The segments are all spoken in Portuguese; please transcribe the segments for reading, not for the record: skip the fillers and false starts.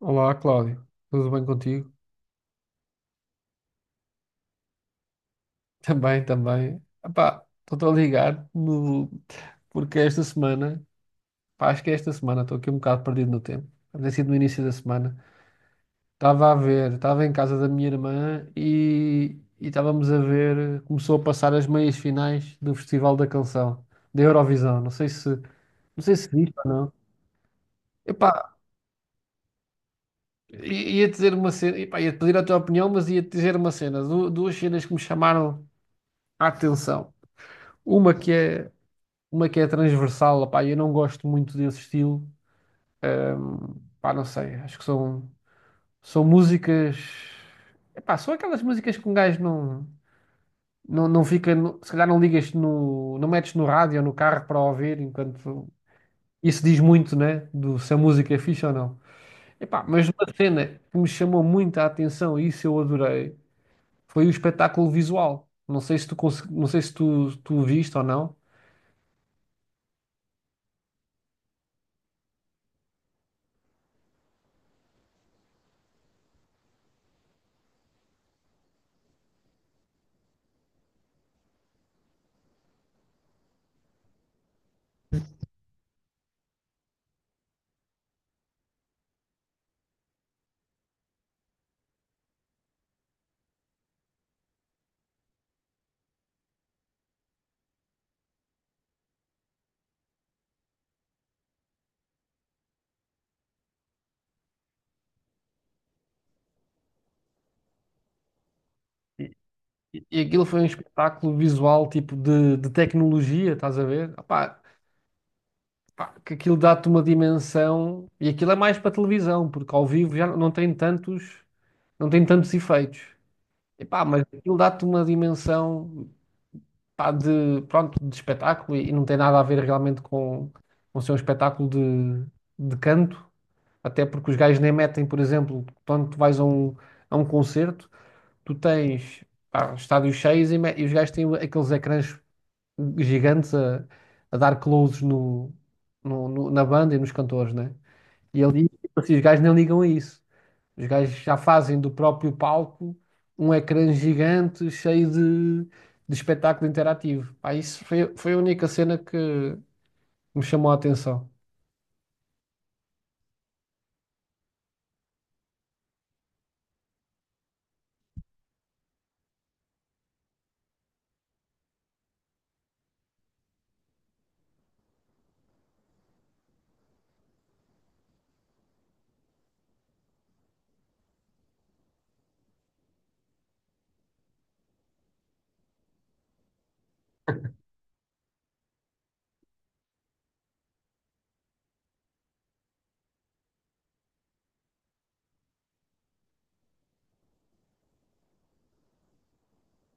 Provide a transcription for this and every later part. Olá, Cláudio. Tudo bem contigo? Também, também. Epá, estou a ligar no... porque esta semana, pá, acho que é esta semana, estou aqui um bocado perdido no tempo. Deve ter sido no início da semana. Estava a ver, estava em casa da minha irmã e estávamos a ver, começou a passar as meias finais do Festival da Canção, da Eurovisão. Não sei se, não sei se viste ou não. Epá, ia dizer uma cena, epá, ia-te pedir a tua opinião, mas ia-te dizer uma cena, duas cenas que me chamaram a atenção. Uma que é uma que é transversal, opá, eu não gosto muito desse estilo, pá, não sei, acho que são, são músicas, epá, são aquelas músicas que um gajo não, não, não fica, se calhar não ligas no, não metes no rádio ou no carro para ouvir, enquanto isso diz muito, né, do se a música é fixe ou não. Epá, mas uma cena que me chamou muito a atenção e isso eu adorei, foi o espetáculo visual. Não sei se tu, não sei se tu o viste ou não. E aquilo foi um espetáculo visual, tipo de tecnologia, estás a ver? Opá, pá, que aquilo dá-te uma dimensão. E aquilo é mais para televisão, porque ao vivo já não tem tantos, não tem tantos efeitos. E pá, mas aquilo dá-te uma dimensão, pá, de, pronto, de espetáculo e não tem nada a ver realmente com ser um espetáculo de canto. Até porque os gajos nem metem, por exemplo, quando tu vais a um concerto, tu tens, pá, estádios cheios e os gajos têm aqueles ecrãs gigantes a dar closes no, na banda e nos cantores, né? E ele diz, tipo assim, os gajos nem ligam a isso. Os gajos já fazem do próprio palco um ecrã gigante cheio de espetáculo interativo. Pá, isso foi, foi a única cena que me chamou a atenção.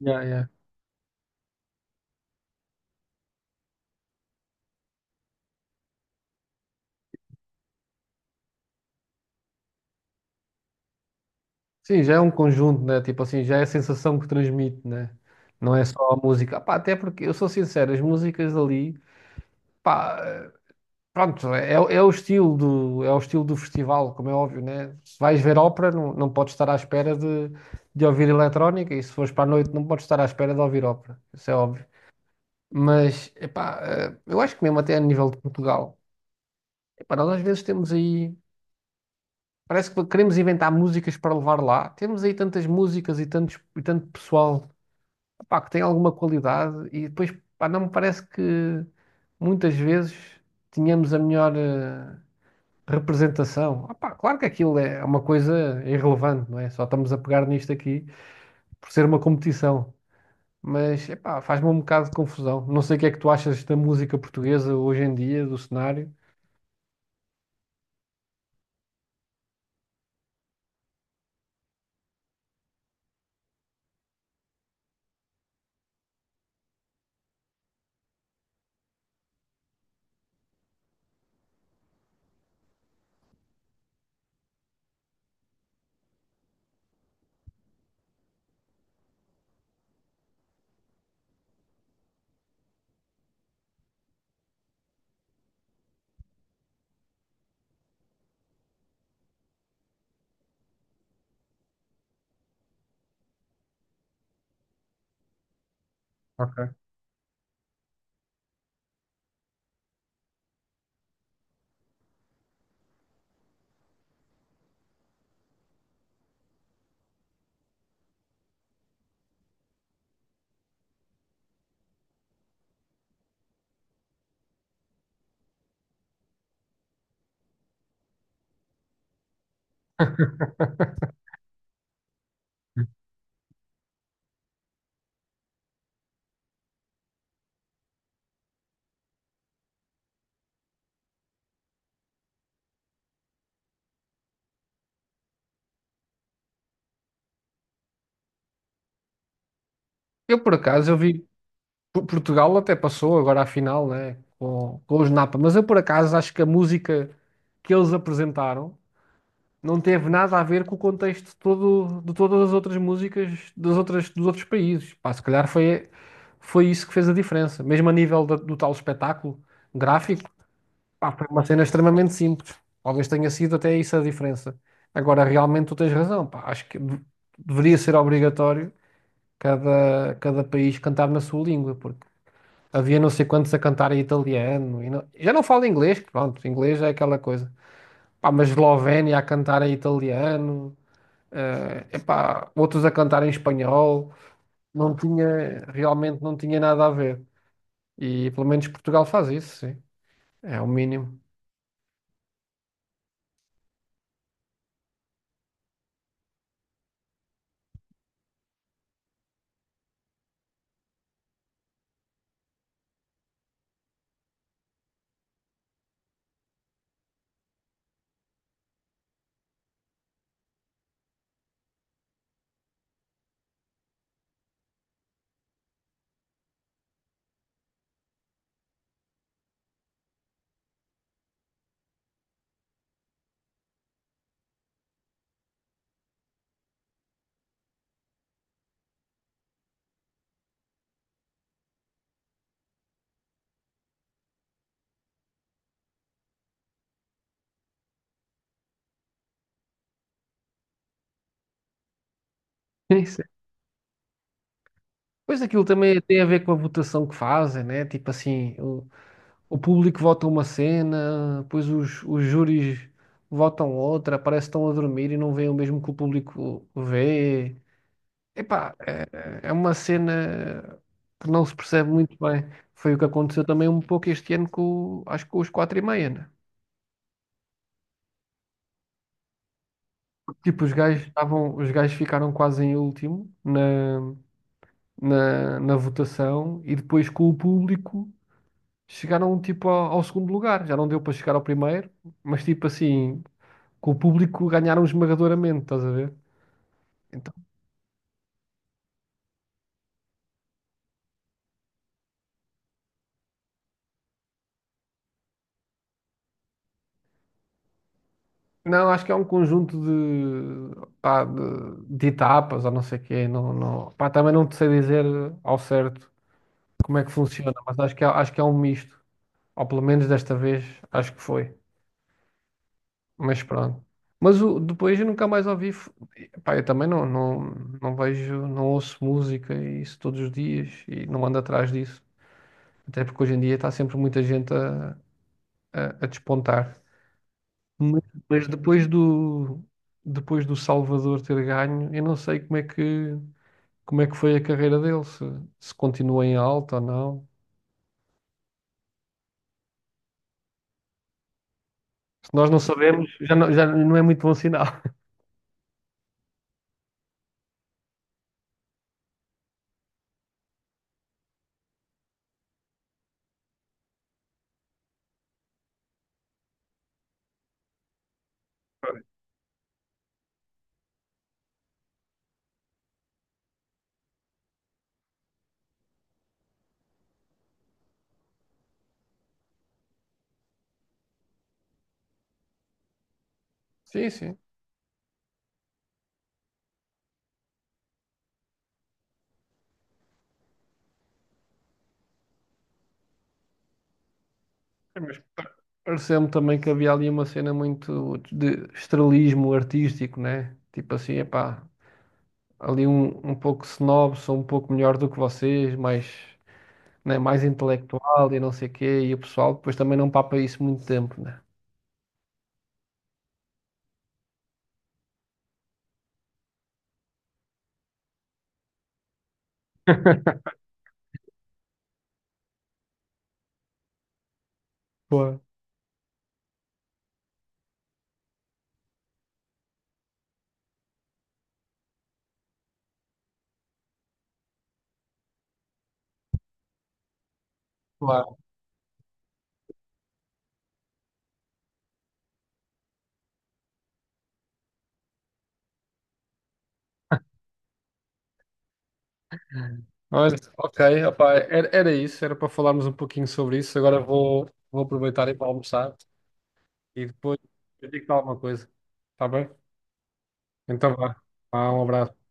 Yeah, yeah. Sim, já é um conjunto, né? Tipo assim, já é a sensação que transmite, né? Não é só a música. Pá, até porque, eu sou sincero, as músicas ali, pá, pronto, é, é o estilo do, é o estilo do festival, como é óbvio, né? Se vais ver ópera, não, não podes estar à espera de ouvir eletrónica, e se fores para a noite, não podes estar à espera de ouvir ópera, isso é óbvio. Mas, epá, eu acho que mesmo até a nível de Portugal, epá, nós às vezes temos aí, parece que queremos inventar músicas para levar lá, temos aí tantas músicas e, tantos, e tanto pessoal, epá, que tem alguma qualidade, e depois, pá, não me parece que muitas vezes tínhamos a melhor. Representação. Ah pá, claro que aquilo é uma coisa irrelevante, não é? Só estamos a pegar nisto aqui por ser uma competição. Mas epá, faz-me um bocado de confusão. Não sei o que é que tu achas da música portuguesa hoje em dia, do cenário. Ok. Eu, por acaso, eu vi Portugal até passou agora à final, né, com os Napa, mas eu, por acaso, acho que a música que eles apresentaram não teve nada a ver com o contexto todo de todas as outras músicas das outras, dos outros países. Pá, se calhar foi, foi isso que fez a diferença. Mesmo a nível do tal espetáculo gráfico, pá, foi uma cena extremamente simples. Talvez tenha sido até isso a diferença. Agora, realmente, tu tens razão. Pá, acho que deveria ser obrigatório cada, cada país cantar na sua língua, porque havia não sei quantos a cantar em italiano. E já não falo inglês, que pronto, inglês é aquela coisa. Pá, mas Eslovénia a cantar em italiano epá, outros a cantar em espanhol, não tinha, realmente não tinha nada a ver. E pelo menos Portugal faz isso, sim. É o mínimo. Isso. Pois aquilo também tem a ver com a votação que fazem, né? Tipo assim, o público vota uma cena, depois os júris votam outra, parece que estão a dormir e não veem o mesmo que o público vê. Epá, é uma cena que não se percebe muito bem. Foi o que aconteceu também um pouco este ano com, acho que com os quatro e meia, né? Tipo, os gajos estavam, os gajos ficaram quase em último na, na, na votação e depois com o público chegaram tipo ao, ao segundo lugar. Já não deu para chegar ao primeiro, mas tipo assim, com o público ganharam esmagadoramente, estás a ver? Então, não, acho que é um conjunto de, pá, de etapas ou não sei o quê. Não, não, pá, também não te sei dizer ao certo como é que funciona, mas acho que é um misto. Ou pelo menos desta vez, acho que foi. Mas pronto. Mas o, depois eu nunca mais ouvi. Pá, eu também não, não, não vejo, não ouço música e isso todos os dias e não ando atrás disso. Até porque hoje em dia está sempre muita gente a despontar. Mas, mas depois do Salvador ter ganho, eu não sei como é que foi a carreira dele, se continua em alta ou não. Se nós não sabemos, já não é muito bom sinal. Sim, sim. É, mas pareceu-me também que havia ali uma cena muito de estrelismo artístico, né? Tipo assim, epá, ali um, um pouco snob, sou um pouco melhor do que vocês, mais, né, mais intelectual e não sei o quê, e o pessoal depois também não papa isso muito tempo, né? Claro. Claro. Mas, ok, opá, era, era isso, era para falarmos um pouquinho sobre isso. Agora vou, vou aproveitar e ir para almoçar e depois eu digo-te alguma coisa, tá bem? Então vá, vá, um abraço.